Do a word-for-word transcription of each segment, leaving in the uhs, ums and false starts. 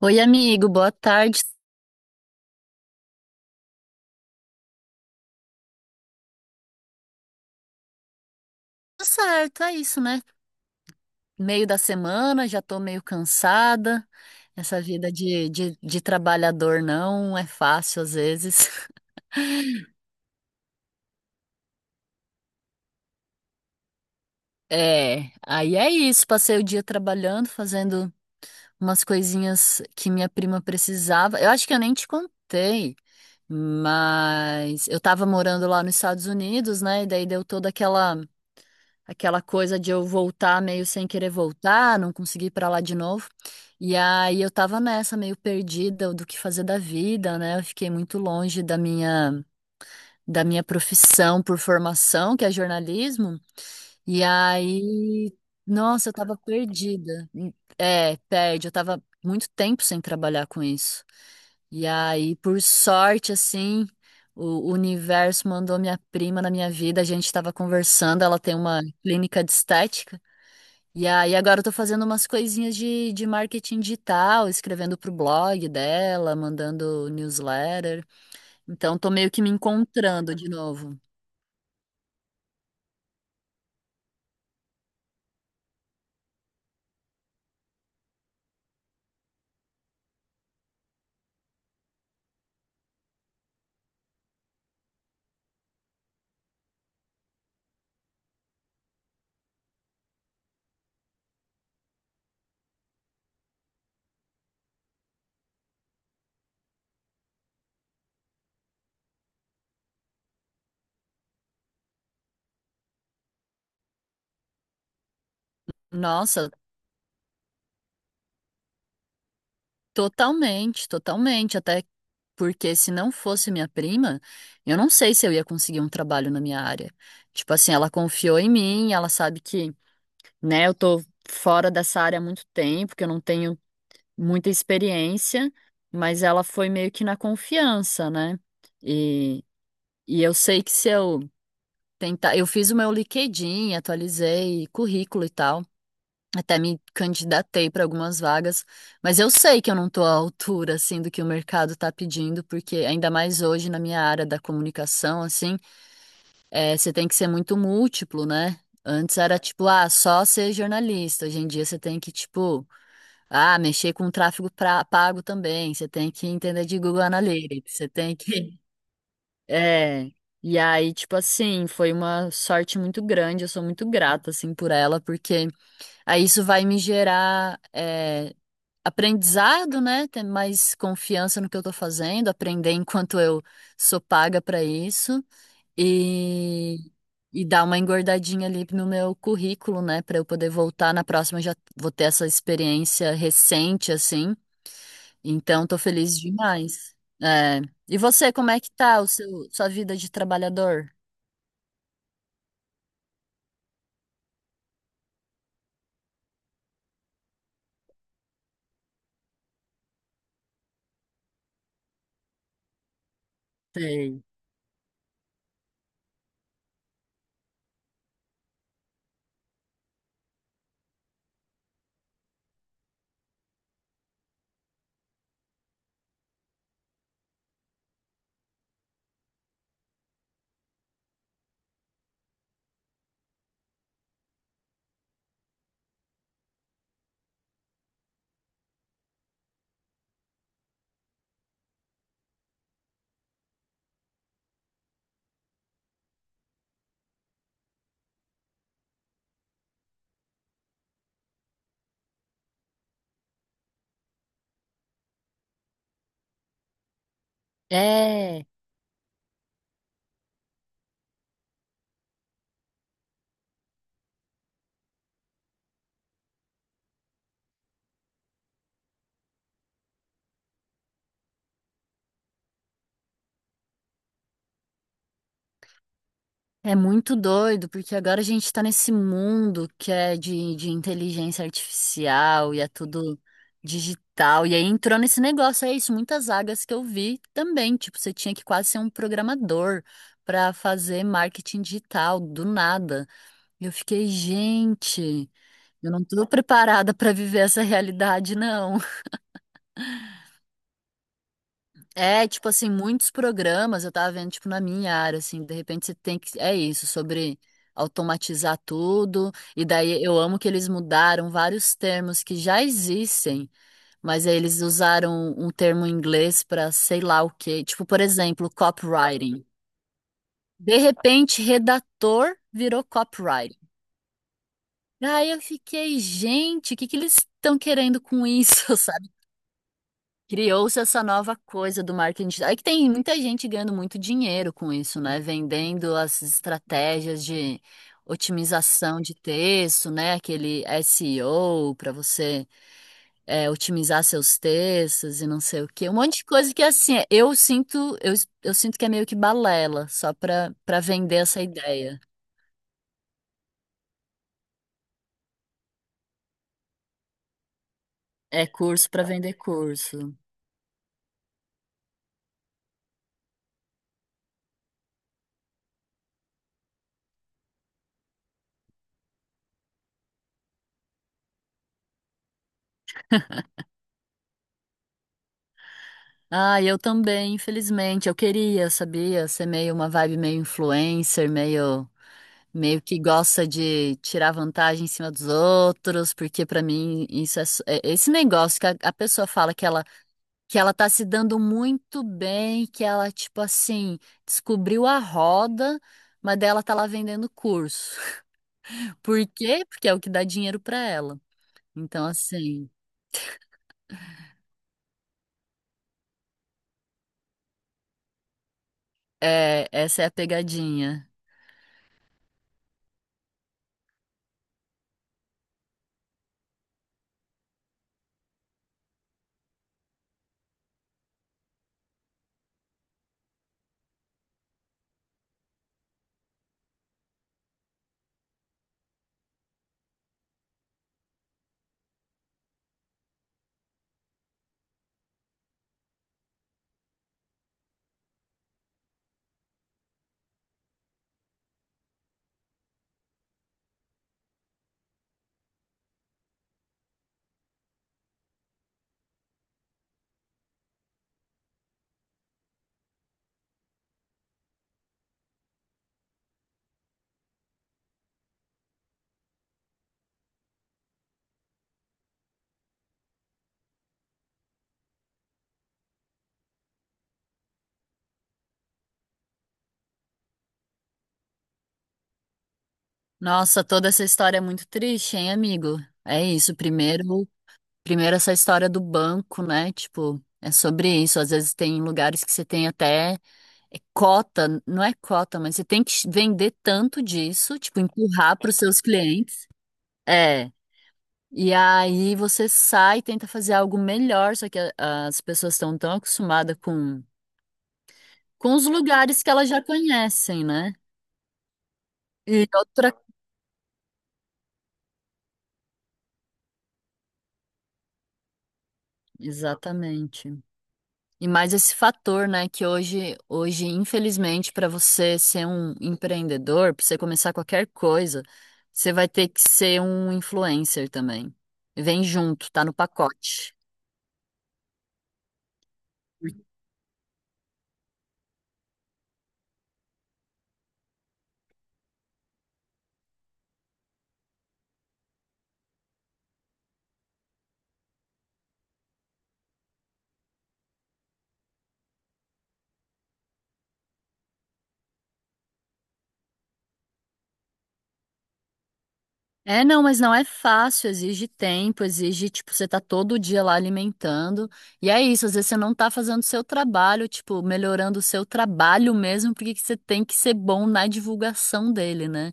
Oi, amigo, boa tarde. Tudo certo, é isso, né? Meio da semana, já tô meio cansada. Essa vida de, de, de trabalhador não é fácil às vezes. É, aí é isso. Passei o dia trabalhando, fazendo umas coisinhas que minha prima precisava. Eu acho que eu nem te contei, mas eu tava morando lá nos Estados Unidos, né? E daí deu toda aquela Aquela coisa de eu voltar meio sem querer voltar, não conseguir ir pra lá de novo. E aí eu tava nessa, meio perdida do que fazer da vida, né? Eu fiquei muito longe da minha, da minha profissão por formação, que é jornalismo. E aí, nossa, eu tava perdida. É, perde. Eu tava muito tempo sem trabalhar com isso. E aí, por sorte, assim, o universo mandou minha prima na minha vida. A gente estava conversando. Ela tem uma clínica de estética. E aí agora eu tô fazendo umas coisinhas de, de marketing digital, escrevendo pro blog dela, mandando newsletter. Então tô meio que me encontrando de novo. Nossa, totalmente, totalmente. Até porque se não fosse minha prima, eu não sei se eu ia conseguir um trabalho na minha área. Tipo assim, ela confiou em mim, ela sabe que, né, eu tô fora dessa área há muito tempo, que eu não tenho muita experiência, mas ela foi meio que na confiança, né? E E eu sei que se eu tentar, eu fiz o meu LinkedIn, atualizei currículo e tal, até me candidatei para algumas vagas, mas eu sei que eu não estou à altura assim do que o mercado está pedindo, porque ainda mais hoje na minha área da comunicação, assim, eh, você tem que ser muito múltiplo, né? Antes era tipo, ah, só ser jornalista. Hoje em dia você tem que, tipo, ah, mexer com tráfego pra- pago também. Você tem que entender de Google Analytics. Você tem que é, e aí, tipo assim, foi uma sorte muito grande, eu sou muito grata, assim, por ela, porque aí isso vai me gerar é, aprendizado, né? Ter mais confiança no que eu tô fazendo, aprender enquanto eu sou paga pra isso e, e dar uma engordadinha ali no meu currículo, né? Pra eu poder voltar na próxima, já vou ter essa experiência recente, assim então, tô feliz demais. É. E você, como é que tá o seu, sua vida de trabalhador? Sei. É, é muito doido, porque agora a gente tá nesse mundo que é de, de inteligência artificial e é tudo digital. E aí entrou nesse negócio, é isso, muitas vagas que eu vi também. Tipo, você tinha que quase ser um programador pra fazer marketing digital do nada. E eu fiquei, gente, eu não tô preparada pra viver essa realidade, não. É, tipo assim, muitos programas eu tava vendo, tipo, na minha área, assim, de repente você tem que. É isso, sobre automatizar tudo. E daí eu amo que eles mudaram vários termos que já existem, mas aí eles usaram um termo em inglês pra sei lá o quê. Tipo, por exemplo, copywriting. De repente, redator virou copywriting. Aí eu fiquei, gente, o que que eles estão querendo com isso, sabe? Criou-se essa nova coisa do marketing digital. É que tem muita gente ganhando muito dinheiro com isso, né? Vendendo as estratégias de otimização de texto, né? Aquele seo para você é, otimizar seus textos e não sei o quê. Um monte de coisa que assim, eu sinto, eu, eu sinto que é meio que balela, só para para vender essa ideia. É curso para vender curso. Ah, eu também, infelizmente. Eu queria, sabia, ser meio uma vibe meio influencer, meio meio que gosta de tirar vantagem em cima dos outros, porque pra mim isso é, s- é- esse negócio que a, a pessoa fala que ela que ela tá se dando muito bem, que ela tipo assim, descobriu a roda, mas dela tá lá vendendo curso. Por quê? Porque é o que dá dinheiro pra ela. Então assim, é, essa é a pegadinha. Nossa, toda essa história é muito triste, hein, amigo? É isso, primeiro primeiro, essa história do banco, né? Tipo, é sobre isso. Às vezes tem lugares que você tem até é cota, não é cota, mas você tem que vender tanto disso, tipo, empurrar para os seus clientes. É. E aí você sai e tenta fazer algo melhor, só que a- as pessoas estão tão acostumadas com, com os lugares que elas já conhecem, né? E outra. Exatamente. E mais esse fator, né, que hoje, hoje, infelizmente, para você ser um empreendedor, para você começar qualquer coisa, você vai ter que ser um influencer também. Vem junto, tá no pacote. É, não, mas não é fácil, exige tempo, exige, tipo, você tá todo dia lá alimentando. E é isso, às vezes você não tá fazendo o seu trabalho, tipo, melhorando o seu trabalho mesmo, porque que você tem que ser bom na divulgação dele, né?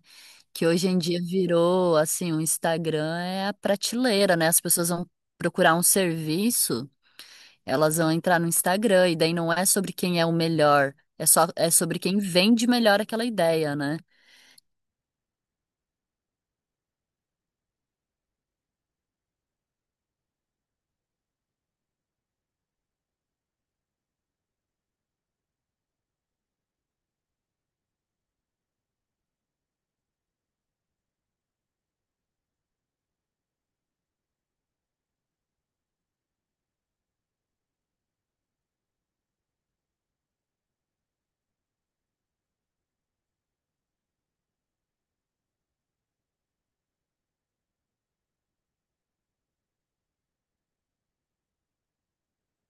Que hoje em dia virou assim, o Instagram é a prateleira, né? As pessoas vão procurar um serviço, elas vão entrar no Instagram e daí não é sobre quem é o melhor, é só é sobre quem vende melhor aquela ideia, né?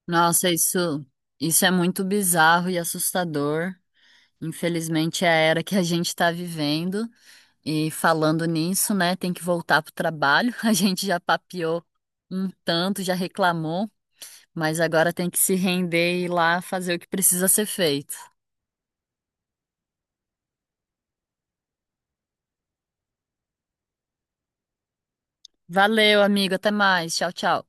Nossa, isso isso é muito bizarro e assustador. Infelizmente é a era que a gente está vivendo e falando nisso, né, tem que voltar pro trabalho. A gente já papeou um tanto, já reclamou. Mas agora tem que se render e ir lá fazer o que precisa ser feito. Valeu, amigo. Até mais. Tchau, tchau.